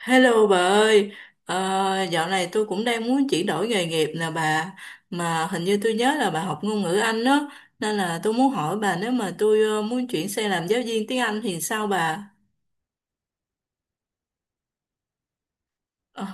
Hello bà ơi, Ờ, dạo này tôi cũng đang muốn chuyển đổi nghề nghiệp nè bà, mà hình như tôi nhớ là bà học ngôn ngữ Anh đó, nên là tôi muốn hỏi bà nếu mà tôi muốn chuyển sang làm giáo viên tiếng Anh thì sao bà? Ờ.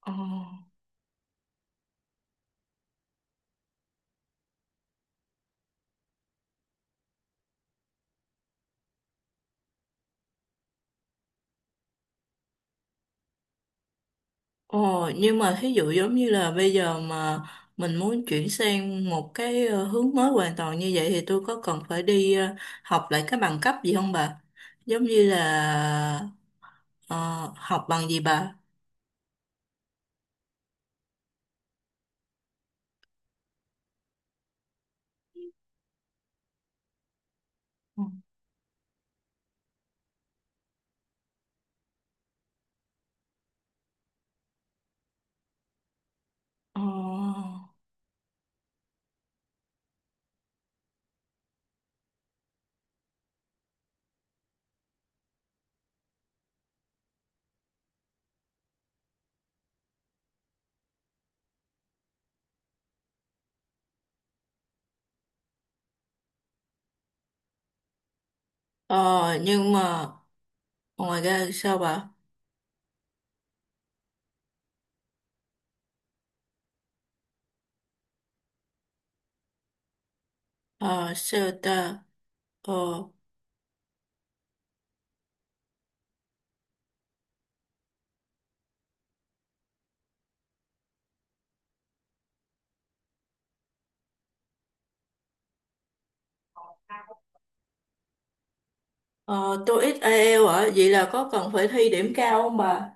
Ờ. Ờ. Nhưng mà thí dụ giống như là bây giờ mà mình muốn chuyển sang một cái hướng mới hoàn toàn như vậy thì tôi có cần phải đi học lại cái bằng cấp gì không bà? Giống như là ờ, học bằng gì bà? Ờ. Ờ, nhưng mà ngoài ra sao bà? Ờ, sao ta? Ờ, ờ, tôi ít IELTS ạ, vậy là có cần phải thi điểm cao không bà?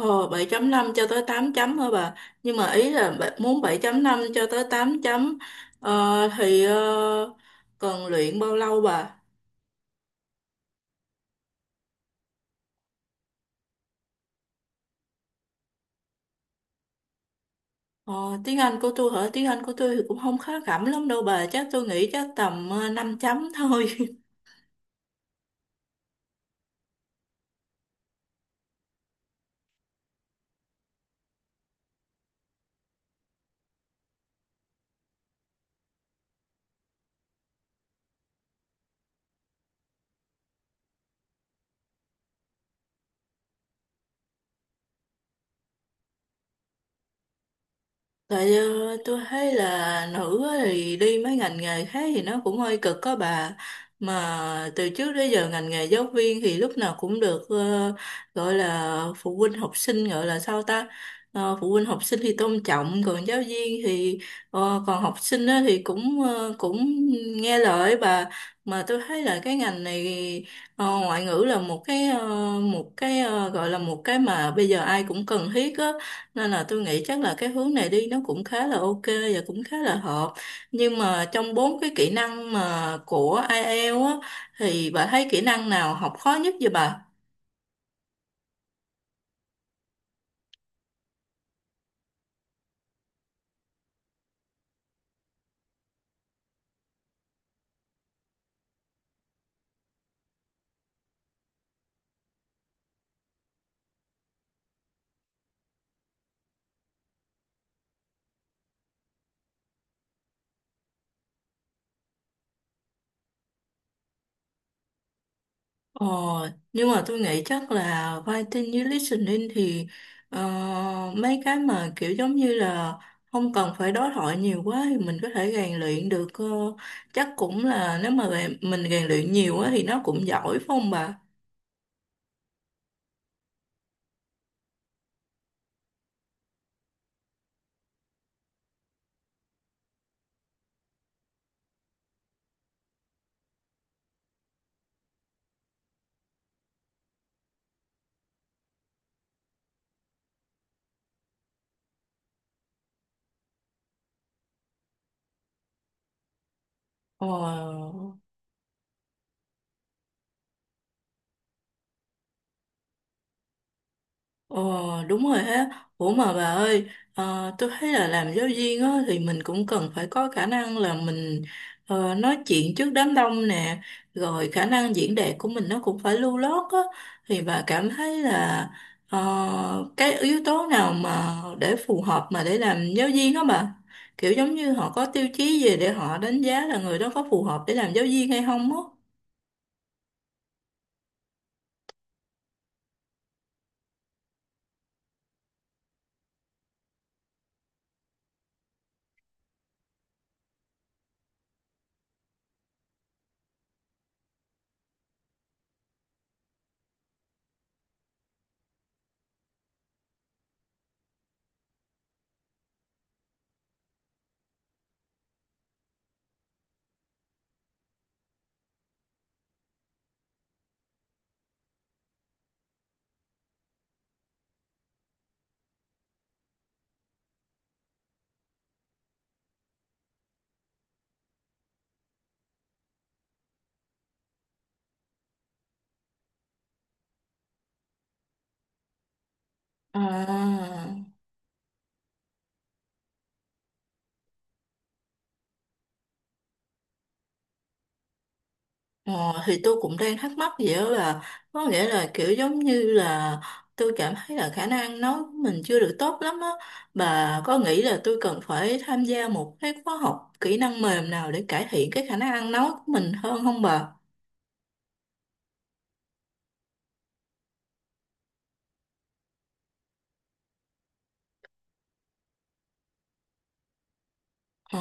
Ờ, 7,5 cho tới tám chấm hả bà? Nhưng mà ý là muốn 7,5 cho tới 8 chấm, ờ, thì cần luyện bao lâu bà? Ờ, tiếng Anh của tôi hả? Tiếng Anh của tôi thì cũng không khá khẩm lắm đâu bà. Chắc tôi nghĩ chắc tầm 5 chấm thôi. Tại tôi thấy là nữ á thì đi mấy ngành nghề khác thì nó cũng hơi cực có bà, mà từ trước đến giờ ngành nghề giáo viên thì lúc nào cũng được gọi là phụ huynh học sinh gọi là sao ta. Ờ, phụ huynh học sinh thì tôn trọng còn giáo viên thì, còn học sinh á thì cũng nghe lời bà, mà tôi thấy là cái ngành này, ngoại ngữ là một cái, một cái, gọi là một cái mà bây giờ ai cũng cần thiết á, nên là tôi nghĩ chắc là cái hướng này đi nó cũng khá là ok và cũng khá là hợp. Nhưng mà trong bốn cái kỹ năng mà của IELTS á, thì bà thấy kỹ năng nào học khó nhất vậy bà? Ờ, nhưng mà tôi nghĩ chắc là writing với listening thì, ờ, mấy cái mà kiểu giống như là không cần phải đối thoại nhiều quá thì mình có thể rèn luyện được. Ờ, Chắc cũng là nếu mà mình rèn luyện nhiều á thì nó cũng giỏi phải không bà? Ờ. Ờ, đúng rồi ha. Ủa mà bà ơi, tôi thấy là làm giáo viên á, thì mình cũng cần phải có khả năng là mình nói chuyện trước đám đông nè, rồi khả năng diễn đạt của mình nó cũng phải lưu loát á. Thì bà cảm thấy là cái yếu tố nào mà để phù hợp mà để làm giáo viên á bà? Kiểu giống như họ có tiêu chí gì để họ đánh giá là người đó có phù hợp để làm giáo viên hay không á? À. Ờ, thì tôi cũng đang thắc mắc vậy đó là, có nghĩa là kiểu giống như là tôi cảm thấy là khả năng nói của mình chưa được tốt lắm á, bà có nghĩ là tôi cần phải tham gia một cái khóa học kỹ năng mềm nào để cải thiện cái khả năng nói của mình hơn không bà? Ờ.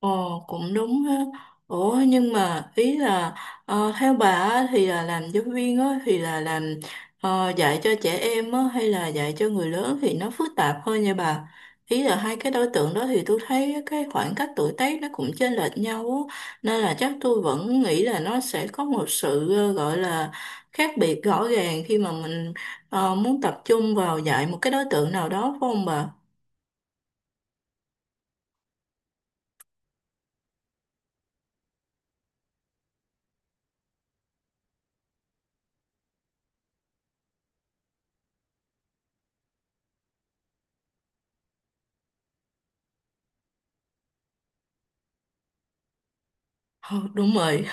Ồ, cũng đúng ha. Ủa nhưng mà ý là theo bà á, thì là làm giáo viên á, thì là làm dạy cho trẻ em á, hay là dạy cho người lớn thì nó phức tạp hơn nha bà. Ý là hai cái đối tượng đó thì tôi thấy cái khoảng cách tuổi tác nó cũng chênh lệch nhau á. Nên là chắc tôi vẫn nghĩ là nó sẽ có một sự, gọi là khác biệt rõ ràng khi mà mình muốn tập trung vào dạy một cái đối tượng nào đó phải không bà? Ờ, đúng rồi.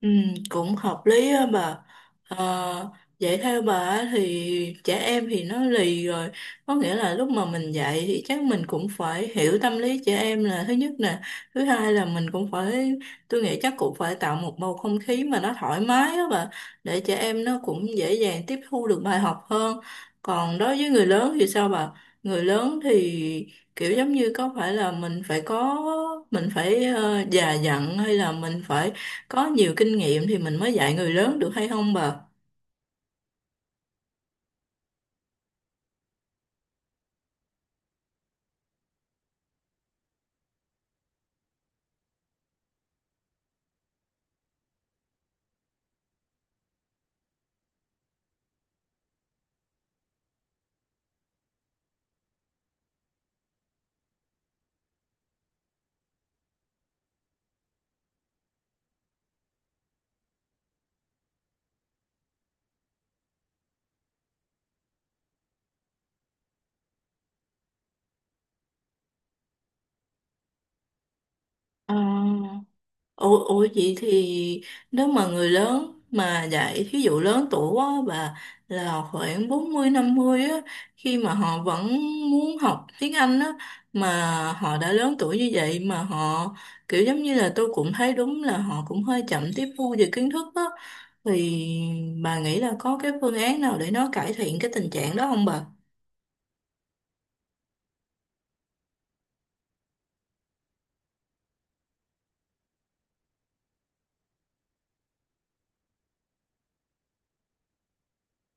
Ừ, cũng hợp lý á mà. Ờ, dạy theo bà á thì trẻ em thì nó lì rồi, có nghĩa là lúc mà mình dạy thì chắc mình cũng phải hiểu tâm lý trẻ em là thứ nhất nè, thứ hai là mình cũng phải, tôi nghĩ chắc cũng phải tạo một bầu không khí mà nó thoải mái á bà, để trẻ em nó cũng dễ dàng tiếp thu được bài học hơn. Còn đối với người lớn thì sao bà? Người lớn thì kiểu giống như có phải là mình phải có, mình phải già dặn, hay là mình phải có nhiều kinh nghiệm thì mình mới dạy người lớn được hay không bà? Ờ. Ủa, ủa vậy thì nếu mà người lớn mà dạy thí dụ lớn tuổi á bà, là khoảng 40 50 á, khi mà họ vẫn muốn học tiếng Anh á, mà họ đã lớn tuổi như vậy mà họ kiểu giống như là tôi cũng thấy đúng là họ cũng hơi chậm tiếp thu về kiến thức á, thì bà nghĩ là có cái phương án nào để nó cải thiện cái tình trạng đó không bà?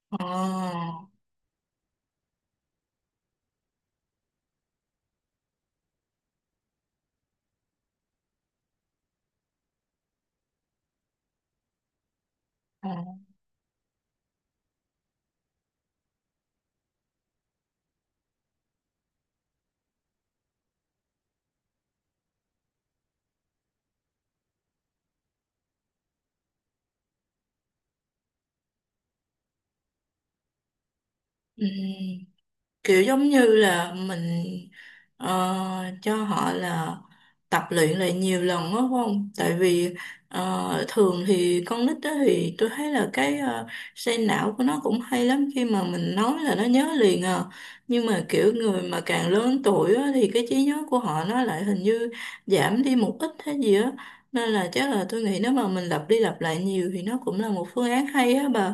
Ờ. Ờ, ờ. Ừ. Kiểu giống như là mình ờ, cho họ là tập luyện lại nhiều lần đó phải không? Tại vì thường thì con nít đó thì tôi thấy là cái, xây não của nó cũng hay lắm khi mà mình nói là nó nhớ liền à. Nhưng mà kiểu người mà càng lớn tuổi á thì cái trí nhớ của họ nó lại hình như giảm đi một ít hay gì á. Nên là chắc là tôi nghĩ nếu mà mình lặp đi lặp lại nhiều thì nó cũng là một phương án hay á bà.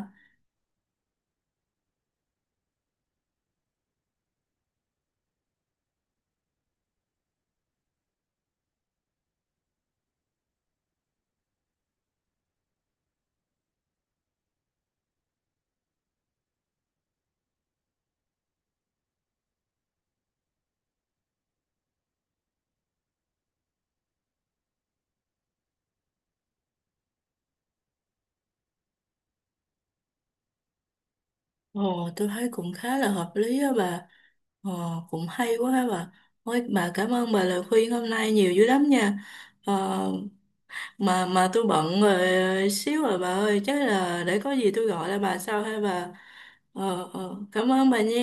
Ồ, tôi thấy cũng khá là hợp lý á bà. Ờ, cũng hay quá ha bà. Ôi, bà cảm ơn bà lời khuyên hôm nay nhiều dữ lắm nha. Ờ, mà tôi bận rồi xíu rồi bà ơi, chắc là để có gì tôi gọi lại bà sau ha bà. Ờ, ờ, cảm ơn bà nha.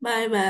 Bye bà.